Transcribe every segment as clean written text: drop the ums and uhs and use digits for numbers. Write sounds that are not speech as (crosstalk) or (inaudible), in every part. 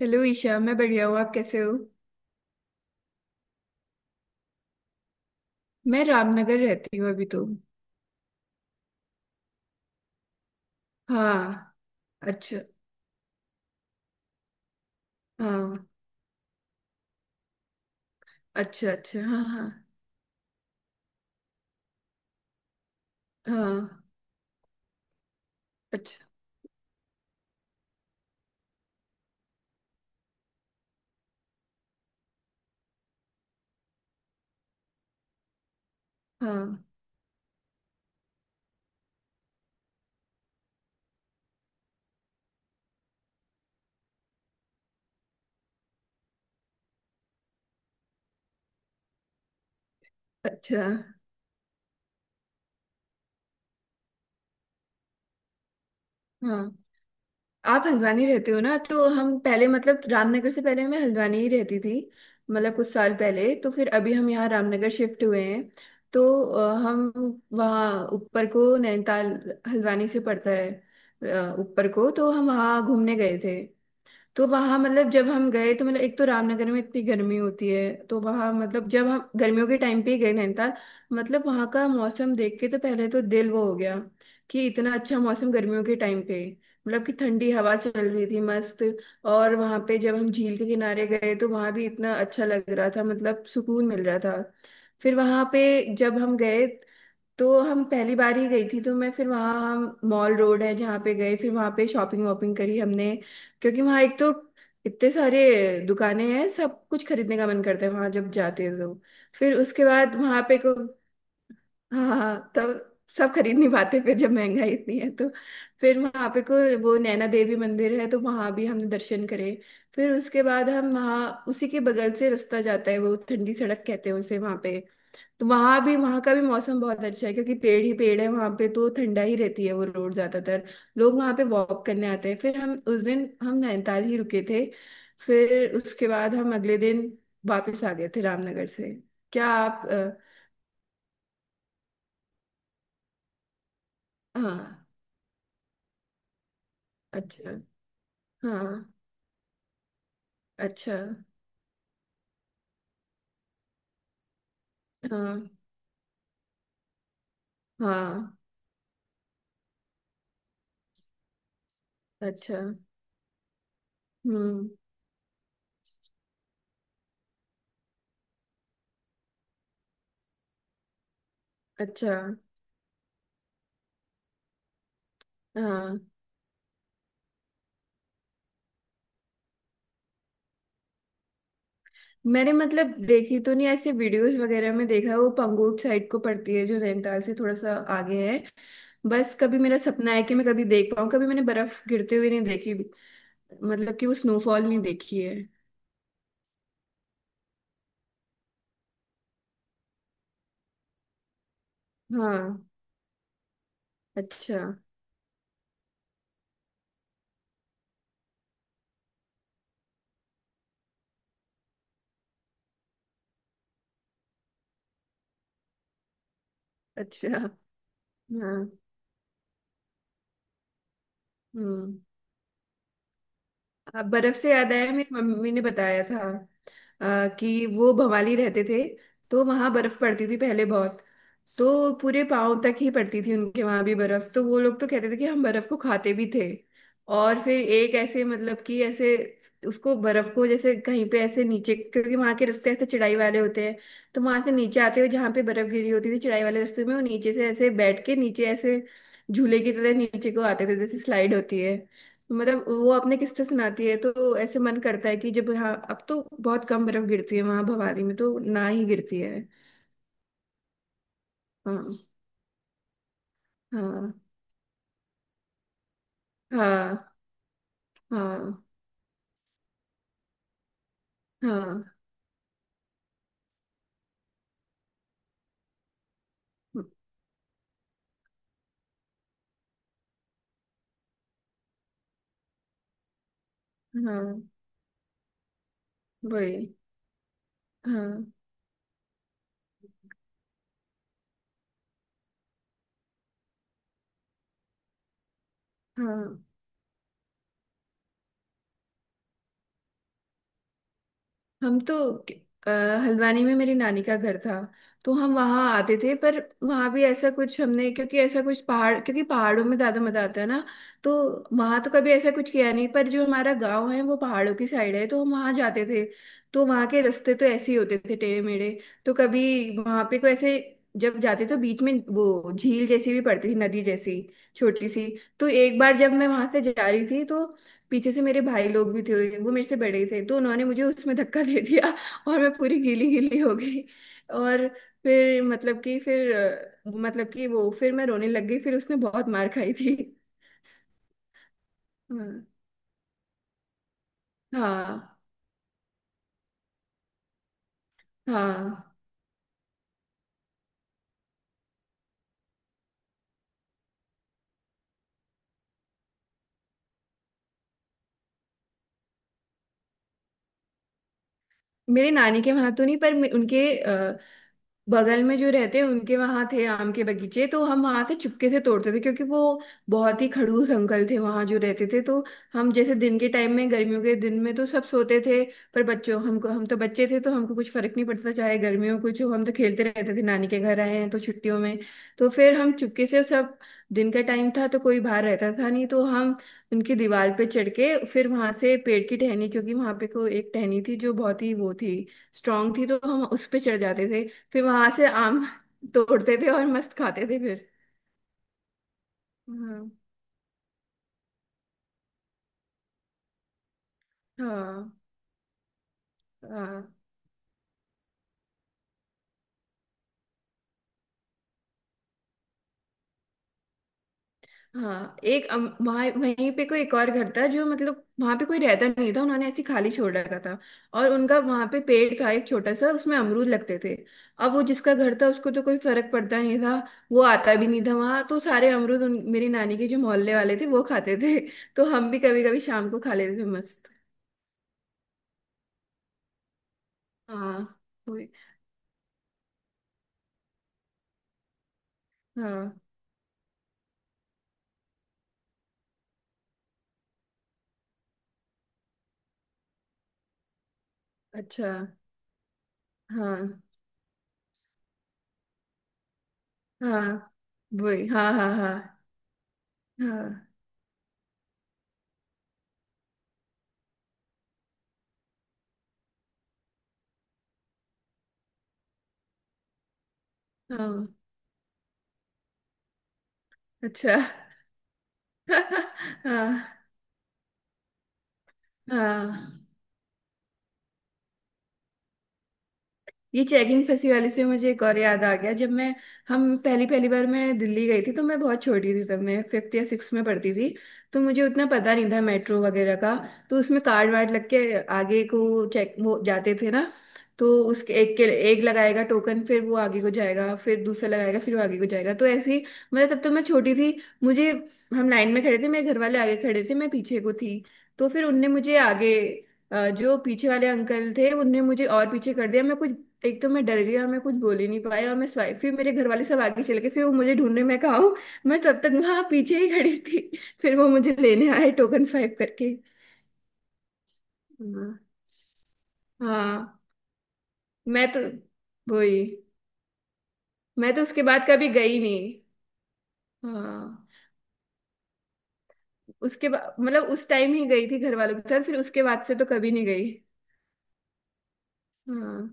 Hello Isha. मैं बढ़िया हूँ, आप कैसे हो। मैं रामनगर रहती हूँ अभी तो। हाँ। अच्छा। हाँ। अच्छा, अच्छा, हाँ हाँ। हाँ। अच्छा। हाँ। अच्छा। हाँ। आप हल्द्वानी रहते हो ना, तो हम पहले मतलब रामनगर से पहले मैं हल्द्वानी ही रहती थी, मतलब कुछ साल पहले। तो फिर अभी हम यहाँ रामनगर शिफ्ट हुए हैं। तो हम वहाँ ऊपर को नैनीताल, हल्द्वानी से पड़ता है। ऊपर को तो हम वहाँ घूमने गए थे। तो वहां मतलब जब हम गए तो मतलब एक तो रामनगर में इतनी गर्मी होती है, तो वहां मतलब जब हम गर्मियों के टाइम पे ही गए नैनीताल, मतलब वहां का मौसम देख के तो पहले तो दिल वो हो गया कि इतना अच्छा मौसम गर्मियों के टाइम पे। मतलब कि ठंडी हवा चल रही थी मस्त। और वहां पे जब हम झील के किनारे गए तो वहां भी इतना अच्छा लग रहा था, मतलब सुकून मिल रहा था। फिर वहां पे जब हम गए तो हम पहली बार ही गई थी, तो मैं फिर वहाँ, हम मॉल रोड है जहाँ पे गए, फिर वहाँ पे शॉपिंग वॉपिंग करी हमने। क्योंकि वहाँ एक तो इतने सारे दुकानें हैं, सब कुछ खरीदने का मन करता है वहाँ जब जाते हैं तो। फिर उसके बाद वहाँ पे को हाँ हाँ हाँ, तब सब खरीद नहीं पाते फिर जब महंगाई इतनी है तो। फिर वहाँ पे को वो नैना देवी मंदिर है, तो वहाँ भी हमने दर्शन करे। फिर उसके बाद हम वहाँ उसी के बगल से रास्ता जाता है, वो ठंडी सड़क कहते हैं उसे, वहाँ पे तो वहां भी वहां का भी मौसम बहुत अच्छा है क्योंकि पेड़ ही पेड़ है वहां पे, तो ठंडा ही रहती है वो रोड ज्यादातर। लोग वहां पे वॉक करने आते हैं। फिर हम उस दिन हम नैनीताल ही रुके थे, फिर उसके बाद हम अगले दिन वापस आ गए थे रामनगर से। क्या आप हाँ। अच्छा। हाँ। अच्छा, हाँ हाँ। अच्छा। हम्म। अच्छा। हाँ। मैंने मतलब देखी तो नहीं, ऐसे वीडियोस वगैरह में देखा है। वो पंगोट साइड को पड़ती है जो नैनीताल से थोड़ा सा आगे है। बस कभी मेरा सपना है कि मैं कभी देख पाऊँ, कभी मैंने बर्फ गिरते हुए नहीं देखी, मतलब कि वो स्नोफॉल नहीं देखी है। हाँ। अच्छा। अच्छा। हाँ। हम्म। अब बर्फ से याद आया, मेरी मम्मी ने बताया था अ, कि वो भवाली रहते थे, तो वहां बर्फ पड़ती थी पहले बहुत। तो पूरे पाँव तक ही पड़ती थी उनके वहां भी बर्फ, तो वो लोग तो कहते थे कि हम बर्फ को खाते भी थे। और फिर एक ऐसे मतलब कि ऐसे उसको बर्फ को जैसे कहीं पे ऐसे नीचे, क्योंकि वहां के रास्ते ऐसे चढ़ाई वाले होते हैं, तो वहां से नीचे आते हुए जहाँ पे बर्फ गिरी होती थी चढ़ाई वाले रास्ते में, वो नीचे से ऐसे बैठ के नीचे ऐसे झूले की तरह नीचे को आते थे, जैसे स्लाइड होती है। तो मतलब वो आपने किस्से सुनाती है तो ऐसे मन करता है कि जब यहाँ अब तो बहुत कम बर्फ गिरती है, वहां भवाली में तो ना ही गिरती है। हाँ हाँ। हाँ हाँ। हाँ हाँ। वही। हाँ हाँ। हम तो अ, हल्द्वानी में मेरी नानी का घर था, तो हम वहाँ आते थे। पर वहाँ भी ऐसा कुछ हमने, क्योंकि ऐसा कुछ पहाड़, क्योंकि पहाड़ों में ज्यादा मजा आता है ना। तो वहाँ तो कभी ऐसा कुछ किया नहीं, पर जो हमारा गांव है वो पहाड़ों की साइड है तो हम वहाँ जाते थे। तो वहाँ के रास्ते तो ऐसे ही होते थे टेढ़े मेढ़े। तो कभी वहाँ पे कोई ऐसे जब जाते तो बीच में वो झील जैसी भी पड़ती थी, नदी जैसी, छोटी सी। तो एक बार जब मैं वहां से जा रही थी तो पीछे से मेरे भाई लोग भी थे, वो मेरे से बड़े थे तो उन्होंने मुझे उसमें धक्का दे दिया (laughs) और मैं पूरी गीली गीली हो गई। और फिर मतलब कि फिर मतलब कि वो फिर मैं रोने लग गई, फिर उसने बहुत मार खाई थी। हाँ। हाँ। हाँ। मेरे नानी के वहां तो नहीं, पर उनके बगल में जो रहते हैं उनके वहां थे आम के बगीचे, तो हम वहां से चुपके से तोड़ते थे। क्योंकि वो बहुत ही खड़ूस अंकल थे वहां जो रहते थे। तो हम जैसे दिन के टाइम में गर्मियों के दिन में तो सब सोते थे, पर बच्चों हमको, हम तो बच्चे थे तो हमको कुछ फर्क नहीं पड़ता था, चाहे गर्मियों कुछ हो हम तो खेलते रहते थे नानी के घर आए हैं तो छुट्टियों में। तो फिर हम चुपके से सब, दिन का टाइम था तो कोई बाहर रहता था नहीं, तो हम उनकी दीवार पे चढ़ के फिर वहां से पेड़ की टहनी, क्योंकि वहां पे को एक टहनी थी जो बहुत ही वो थी, स्ट्रांग थी, तो हम उस पे चढ़ जाते थे, फिर वहां से आम तोड़ते थे और मस्त खाते थे फिर। हाँ। हाँ। हाँ। हाँ एक वहाँ वहीं पे कोई एक और घर था जो मतलब वहां पे कोई रहता नहीं था, उन्होंने ऐसे खाली छोड़ रखा था। और उनका वहां पे पेड़ था एक छोटा सा, उसमें अमरूद लगते थे। अब वो जिसका घर था उसको तो कोई फर्क पड़ता नहीं था, वो आता भी नहीं था वहां। तो सारे अमरूद मेरी नानी के जो मोहल्ले वाले थे वो खाते थे (laughs) तो हम भी कभी कभी शाम को खा लेते थे मस्त। हाँ। वही- हाँ। अच्छा। हाँ। हाँ। वही। हाँ। हाँ। हाँ। हाँ। हाँ। अच्छा। (laughs) हाँ। हाँ। हाँ। ये चेकिंग फंसी वाली से मुझे एक और याद आ गया, जब मैं हम पहली पहली बार मैं दिल्ली गई थी तो मैं बहुत छोटी थी तब, मैं फिफ्थ या सिक्स में पढ़ती थी तो मुझे उतना पता नहीं था मेट्रो वगैरह का। तो उसमें कार्ड वार्ड लग के आगे को चेक वो जाते थे ना, तो उसके एक के एक लगाएगा टोकन फिर वो आगे को जाएगा, फिर दूसरा लगाएगा फिर वो आगे को जाएगा, तो ऐसे ही, मतलब तब तो मैं छोटी थी मुझे, हम लाइन में खड़े थे, मेरे घर वाले आगे खड़े थे मैं पीछे को थी। तो फिर उनने मुझे आगे जो पीछे वाले अंकल थे उनने मुझे और पीछे कर दिया, मैं कुछ, एक तो मैं डर गई और मैं कुछ बोल ही नहीं पाई, और मैं स्वाइप, फिर मेरे घर वाले सब आगे चले गए फिर वो मुझे ढूंढने में कहा हूँ, मैं तब तक वहां पीछे ही खड़ी थी (laughs) फिर वो मुझे लेने आए टोकन स्वाइप करके। हाँ हाँ, मैं तो, वही, मैं तो उसके बाद कभी गई नहीं। हाँ उसके बाद मतलब उस टाइम ही गई थी घर वालों के साथ, फिर उसके बाद से तो कभी नहीं गई। हाँ।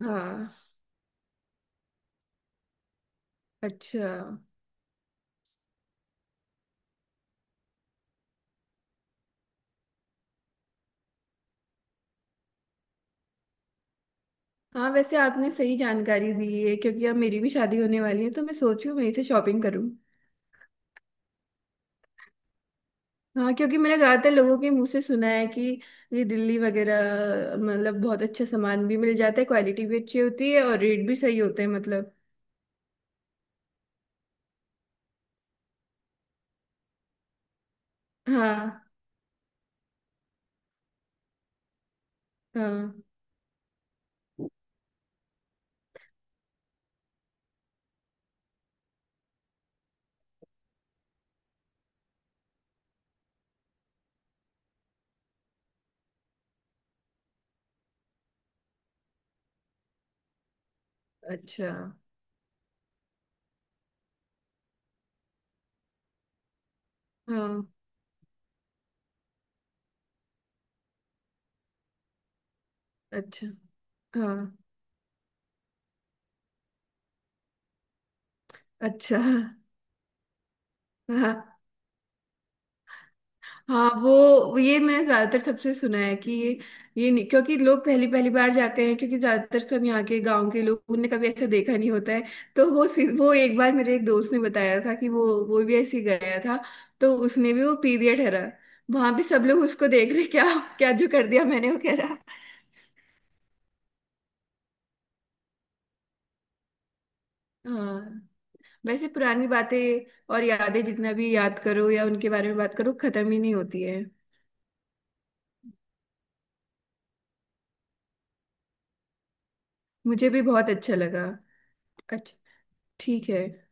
हाँ। अच्छा। हाँ वैसे आपने सही जानकारी दी है, क्योंकि अब मेरी भी शादी होने वाली है तो मैं सोच रही हूँ वहीं से शॉपिंग करूँ। हाँ क्योंकि मैंने ज्यादातर लोगों के मुंह से सुना है कि ये दिल्ली वगैरह मतलब बहुत अच्छा सामान भी मिल जाता है, क्वालिटी भी अच्छी होती है और रेट भी सही होते हैं मतलब। हाँ। हाँ। अच्छा। हाँ। अच्छा। हाँ। अच्छा। हाँ। हाँ वो ये मैंने ज्यादातर सबसे सुना है कि ये नहीं, क्योंकि लोग पहली पहली बार जाते हैं क्योंकि ज्यादातर सब यहाँ के गांव के लोग उनने कभी ऐसा देखा नहीं होता है। तो वो वो एक बार मेरे एक दोस्त ने बताया था कि वो भी ऐसे ही गया था, तो उसने भी वो पी दिया ठहरा। वहां पे सब लोग उसको देख रहे क्या, क्या जो कर दिया मैंने, वो कह रहा। हाँ वैसे पुरानी बातें और यादें जितना भी याद करो या उनके बारे में बात करो खत्म ही नहीं होती है। मुझे भी बहुत अच्छा लगा। अच्छा। ठीक है।